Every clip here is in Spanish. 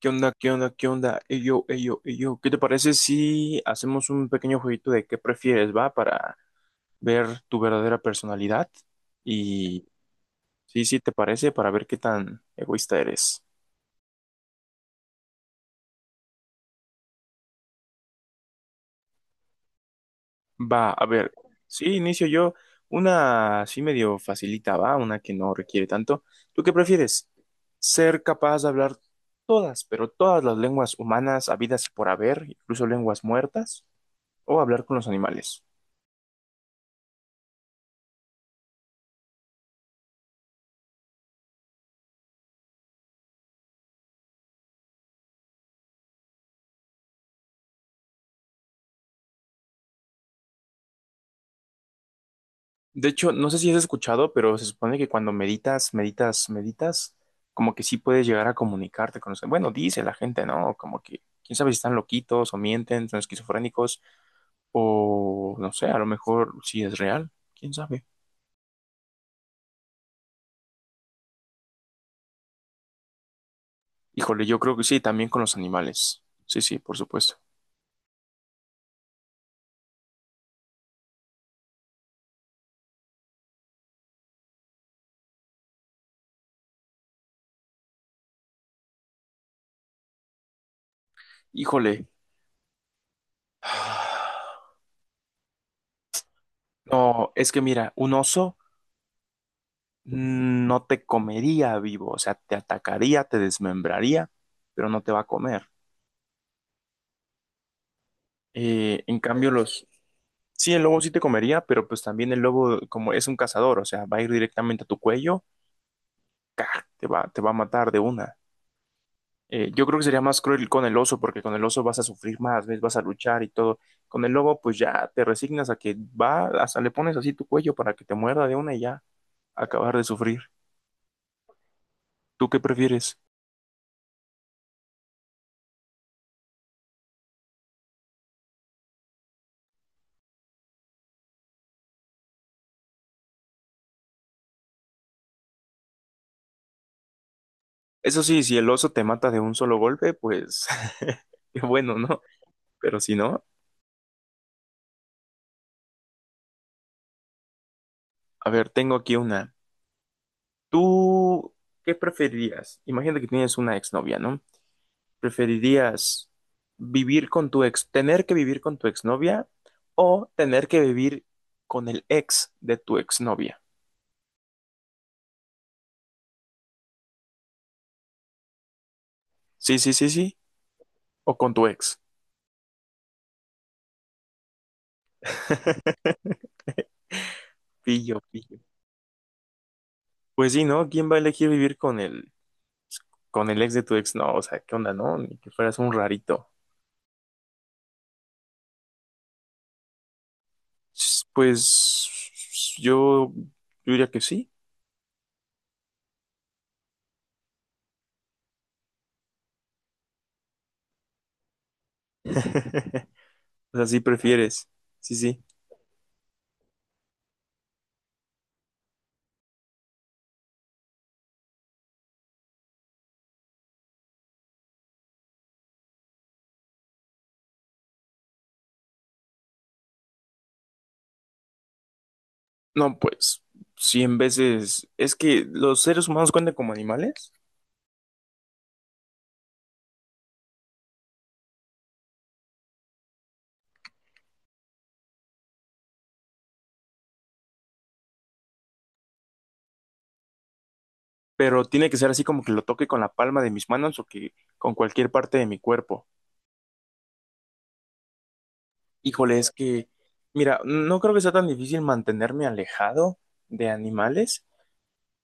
¿Qué onda? ¿Qué onda? ¿Qué onda? Ey, yo, ey, yo, ey, yo. ¿Qué te parece si hacemos un pequeño jueguito de qué prefieres, va? Para ver tu verdadera personalidad. Y sí, sí, ¿te parece? Para ver qué tan egoísta eres. Va, a ver. Sí, inicio yo. Una así medio facilita, va. Una que no requiere tanto. ¿Tú qué prefieres? ¿Ser capaz de hablar todas, pero todas las lenguas humanas habidas y por haber, incluso lenguas muertas? ¿O hablar con los animales? De hecho, no sé si has escuchado, pero se supone que cuando meditas, meditas, meditas, como que sí puedes llegar a comunicarte con los... Bueno, dice la gente, ¿no? Como que, quién sabe si están loquitos o mienten, son esquizofrénicos o no sé, a lo mejor sí es real, quién sabe. Híjole, yo creo que sí, también con los animales. Sí, sí, por supuesto. Híjole. No, es que mira, un oso no te comería vivo, o sea, te atacaría, te desmembraría, pero no te va a comer. En cambio, los... Sí, el lobo sí te comería, pero pues también el lobo, como es un cazador, o sea, va a ir directamente a tu cuello, ¡ca! Te va a matar de una. Yo creo que sería más cruel con el oso, porque con el oso vas a sufrir más, ¿ves? Vas a luchar y todo. Con el lobo, pues ya te resignas a que va, hasta le pones así tu cuello para que te muerda de una y ya, acabar de sufrir. ¿Tú qué prefieres? Eso sí, si el oso te mata de un solo golpe, pues qué bueno, ¿no? Pero si no, a ver, tengo aquí una. ¿Tú qué preferirías? Imagínate que tienes una exnovia, ¿no? ¿Preferirías vivir con tu ex, tener que vivir con tu exnovia o tener que vivir con el ex de tu exnovia? Sí, sí, sí, sí. O con tu ex. Pillo, pillo. Pues sí, ¿no? ¿Quién va a elegir vivir con con el ex de tu ex? No, o sea, ¿qué onda, no? Ni que fueras un rarito. Pues yo, yo diría que sí. O sea, sí prefieres. Sí, sí. No, pues, cien veces. Es que los seres humanos cuentan como animales, pero tiene que ser así como que lo toque con la palma de mis manos o que con cualquier parte de mi cuerpo. Híjole, mira, no creo que sea tan difícil mantenerme alejado de animales,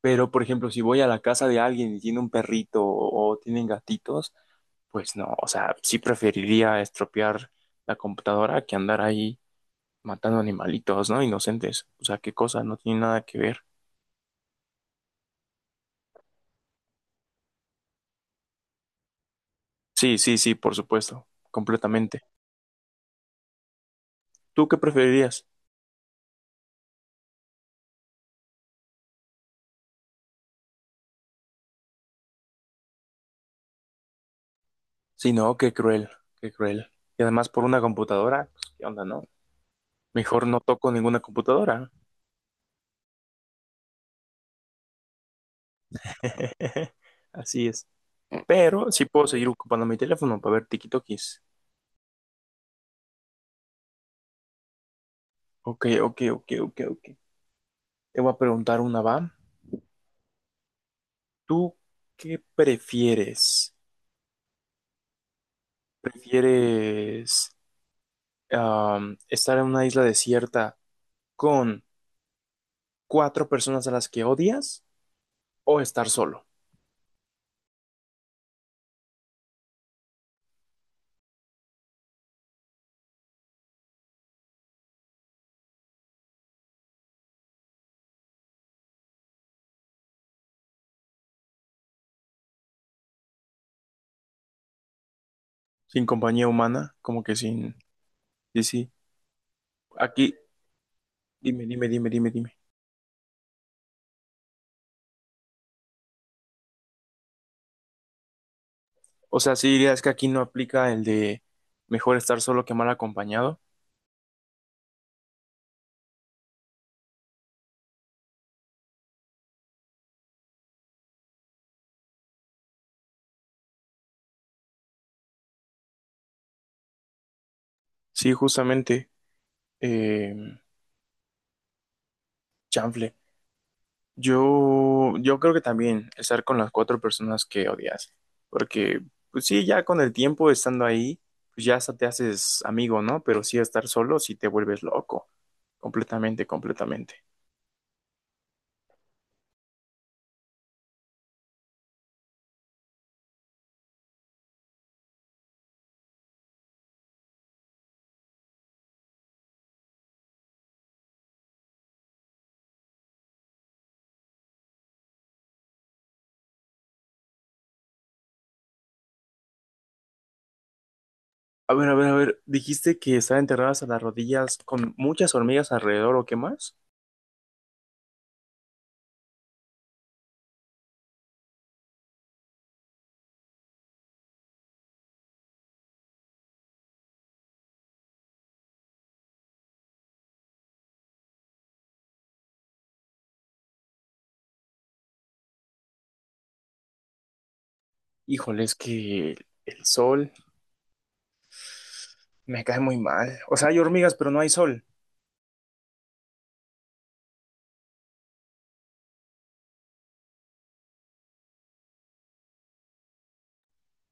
pero por ejemplo, si voy a la casa de alguien y tiene un perrito o tienen gatitos, pues no, o sea, sí preferiría estropear la computadora que andar ahí matando animalitos, ¿no? Inocentes. O sea, qué cosa, no tiene nada que ver. Sí, sí, sí, por supuesto, completamente. ¿Tú qué preferirías? Sí, no, qué cruel, qué cruel. Y además por una computadora, pues, ¿qué onda, no? Mejor no toco ninguna computadora. Así es. Pero sí puedo seguir ocupando mi teléfono para ver tikitokis. Ok, ok, ok, ok, ok. Te voy a preguntar una, va. ¿Tú qué prefieres? ¿Prefieres estar en una isla desierta con 4 personas a las que odias o estar solo? Sin compañía humana, como que sin... Sí, sí. Aquí, dime, dime, dime, dime, dime. O sea, sí dirías que aquí no aplica el de mejor estar solo que mal acompañado. Sí, justamente, eh, chanfle. Yo creo que también estar con las 4 personas que odias. Porque, pues sí, ya con el tiempo estando ahí, pues ya hasta te haces amigo, ¿no? Pero sí estar solo, sí te vuelves loco. Completamente, completamente. A ver, a ver, a ver, dijiste que estaban enterradas a las rodillas con muchas hormigas alrededor o qué más. Híjole, es que el sol me cae muy mal. O sea, hay hormigas, pero no hay sol.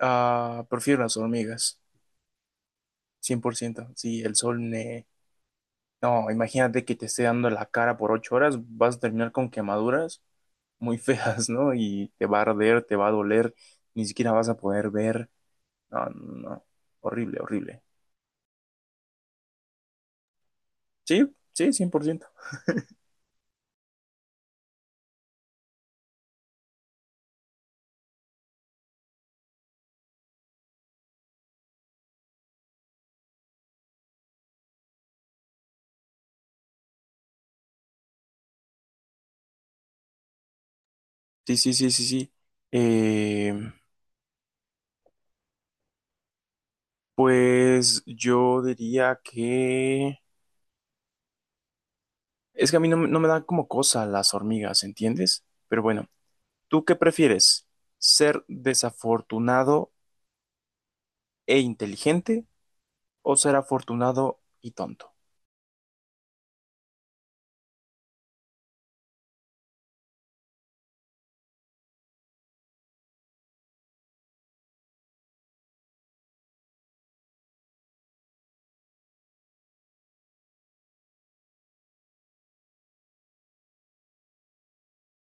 Ah, prefiero las hormigas, 100%. Sí, el sol me... No, imagínate que te esté dando la cara por 8 horas, vas a terminar con quemaduras muy feas, ¿no? Y te va a arder, te va a doler, ni siquiera vas a poder ver. No, no, no. Horrible, horrible. Sí, sí, 100%. Sí, sí, sí, sí, sí. Eh, pues yo diría que... Es que a mí no, me dan como cosa las hormigas, ¿entiendes? Pero bueno, ¿tú qué prefieres? ¿Ser desafortunado e inteligente o ser afortunado y tonto?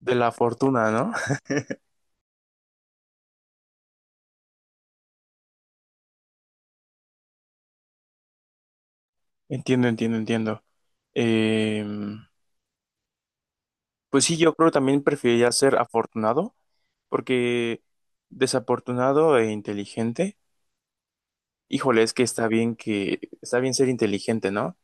De la fortuna, ¿no? Entiendo, entiendo, entiendo. Em, pues sí, yo creo que también preferiría ser afortunado, porque desafortunado e inteligente. Híjole, es que está bien ser inteligente, ¿no?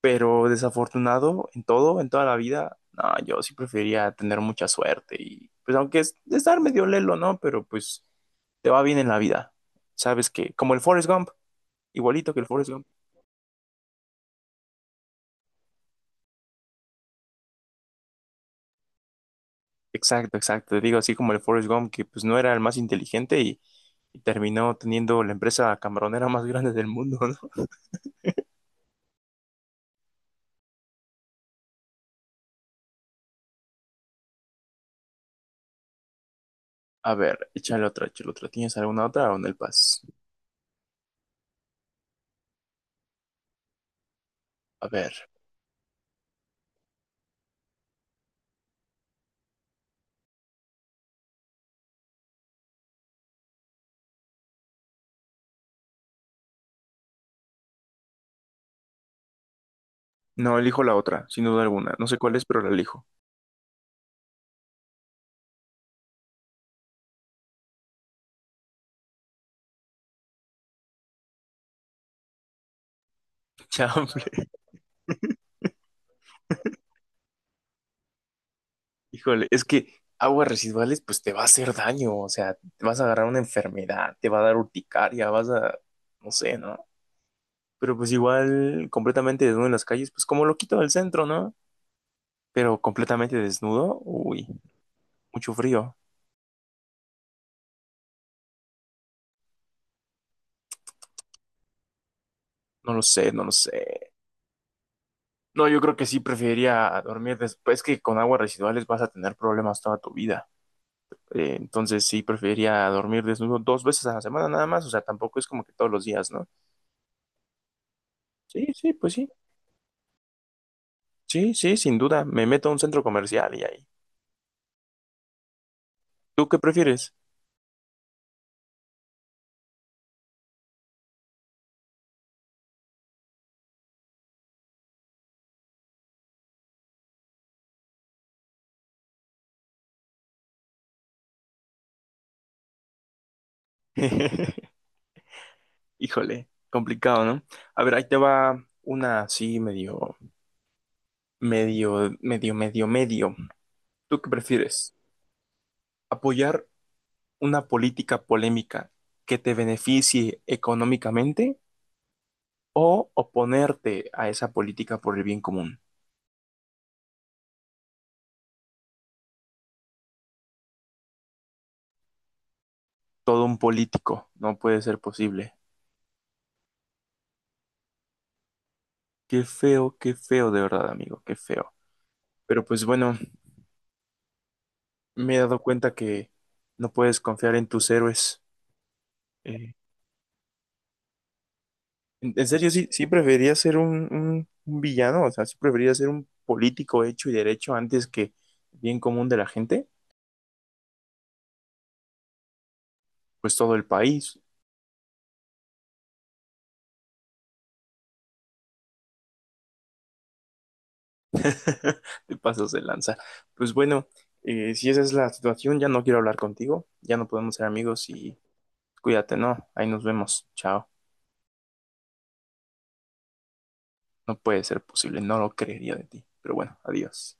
Pero desafortunado en todo, en toda la vida, no, yo sí prefería tener mucha suerte y pues aunque es estar medio lelo, ¿no? Pero pues te va bien en la vida. Sabes que como el Forrest Gump, igualito que el Forrest Gump. Exacto, exacto. Te digo así como el Forrest Gump que pues no era el más inteligente y terminó teniendo la empresa camaronera más grande del mundo, ¿no? A ver, échale otra, échale otra. ¿Tienes alguna otra o en el pas? A ver. No, elijo la otra, sin duda alguna. No sé cuál es, pero la elijo. Chamble. Híjole, es que aguas residuales, pues te va a hacer daño. O sea, te vas a agarrar una enfermedad, te va a dar urticaria, no sé, ¿no? Pero pues igual, completamente desnudo en las calles, pues como lo quito del centro, ¿no? Pero completamente desnudo, uy, mucho frío. No lo sé, no lo sé. No, yo creo que sí preferiría dormir después que con aguas residuales vas a tener problemas toda tu vida. Entonces sí preferiría dormir desnudo 2 veces a la semana nada más, o sea, tampoco es como que todos los días, ¿no? Sí, sí, pues sí, sí, sí, sin duda, me meto a un centro comercial y ahí. ¿Tú qué prefieres? Híjole, complicado, ¿no? A ver, ahí te va una así medio, medio, medio, medio, medio. ¿Tú qué prefieres? ¿Apoyar una política polémica que te beneficie económicamente o oponerte a esa política por el bien común? Todo un político, no puede ser posible. Qué feo, de verdad, amigo, qué feo. Pero pues bueno, me he dado cuenta que no puedes confiar en tus héroes. Eh, en serio, sí, sí preferiría ser un villano, o sea, sí preferiría ser un político hecho y derecho antes que bien común de la gente, pues todo el país. Te pasas de lanza. Pues bueno, si esa es la situación, ya no quiero hablar contigo, ya no podemos ser amigos y cuídate, ¿no? Ahí nos vemos, chao. No puede ser posible, no lo creería de ti. Pero bueno, adiós.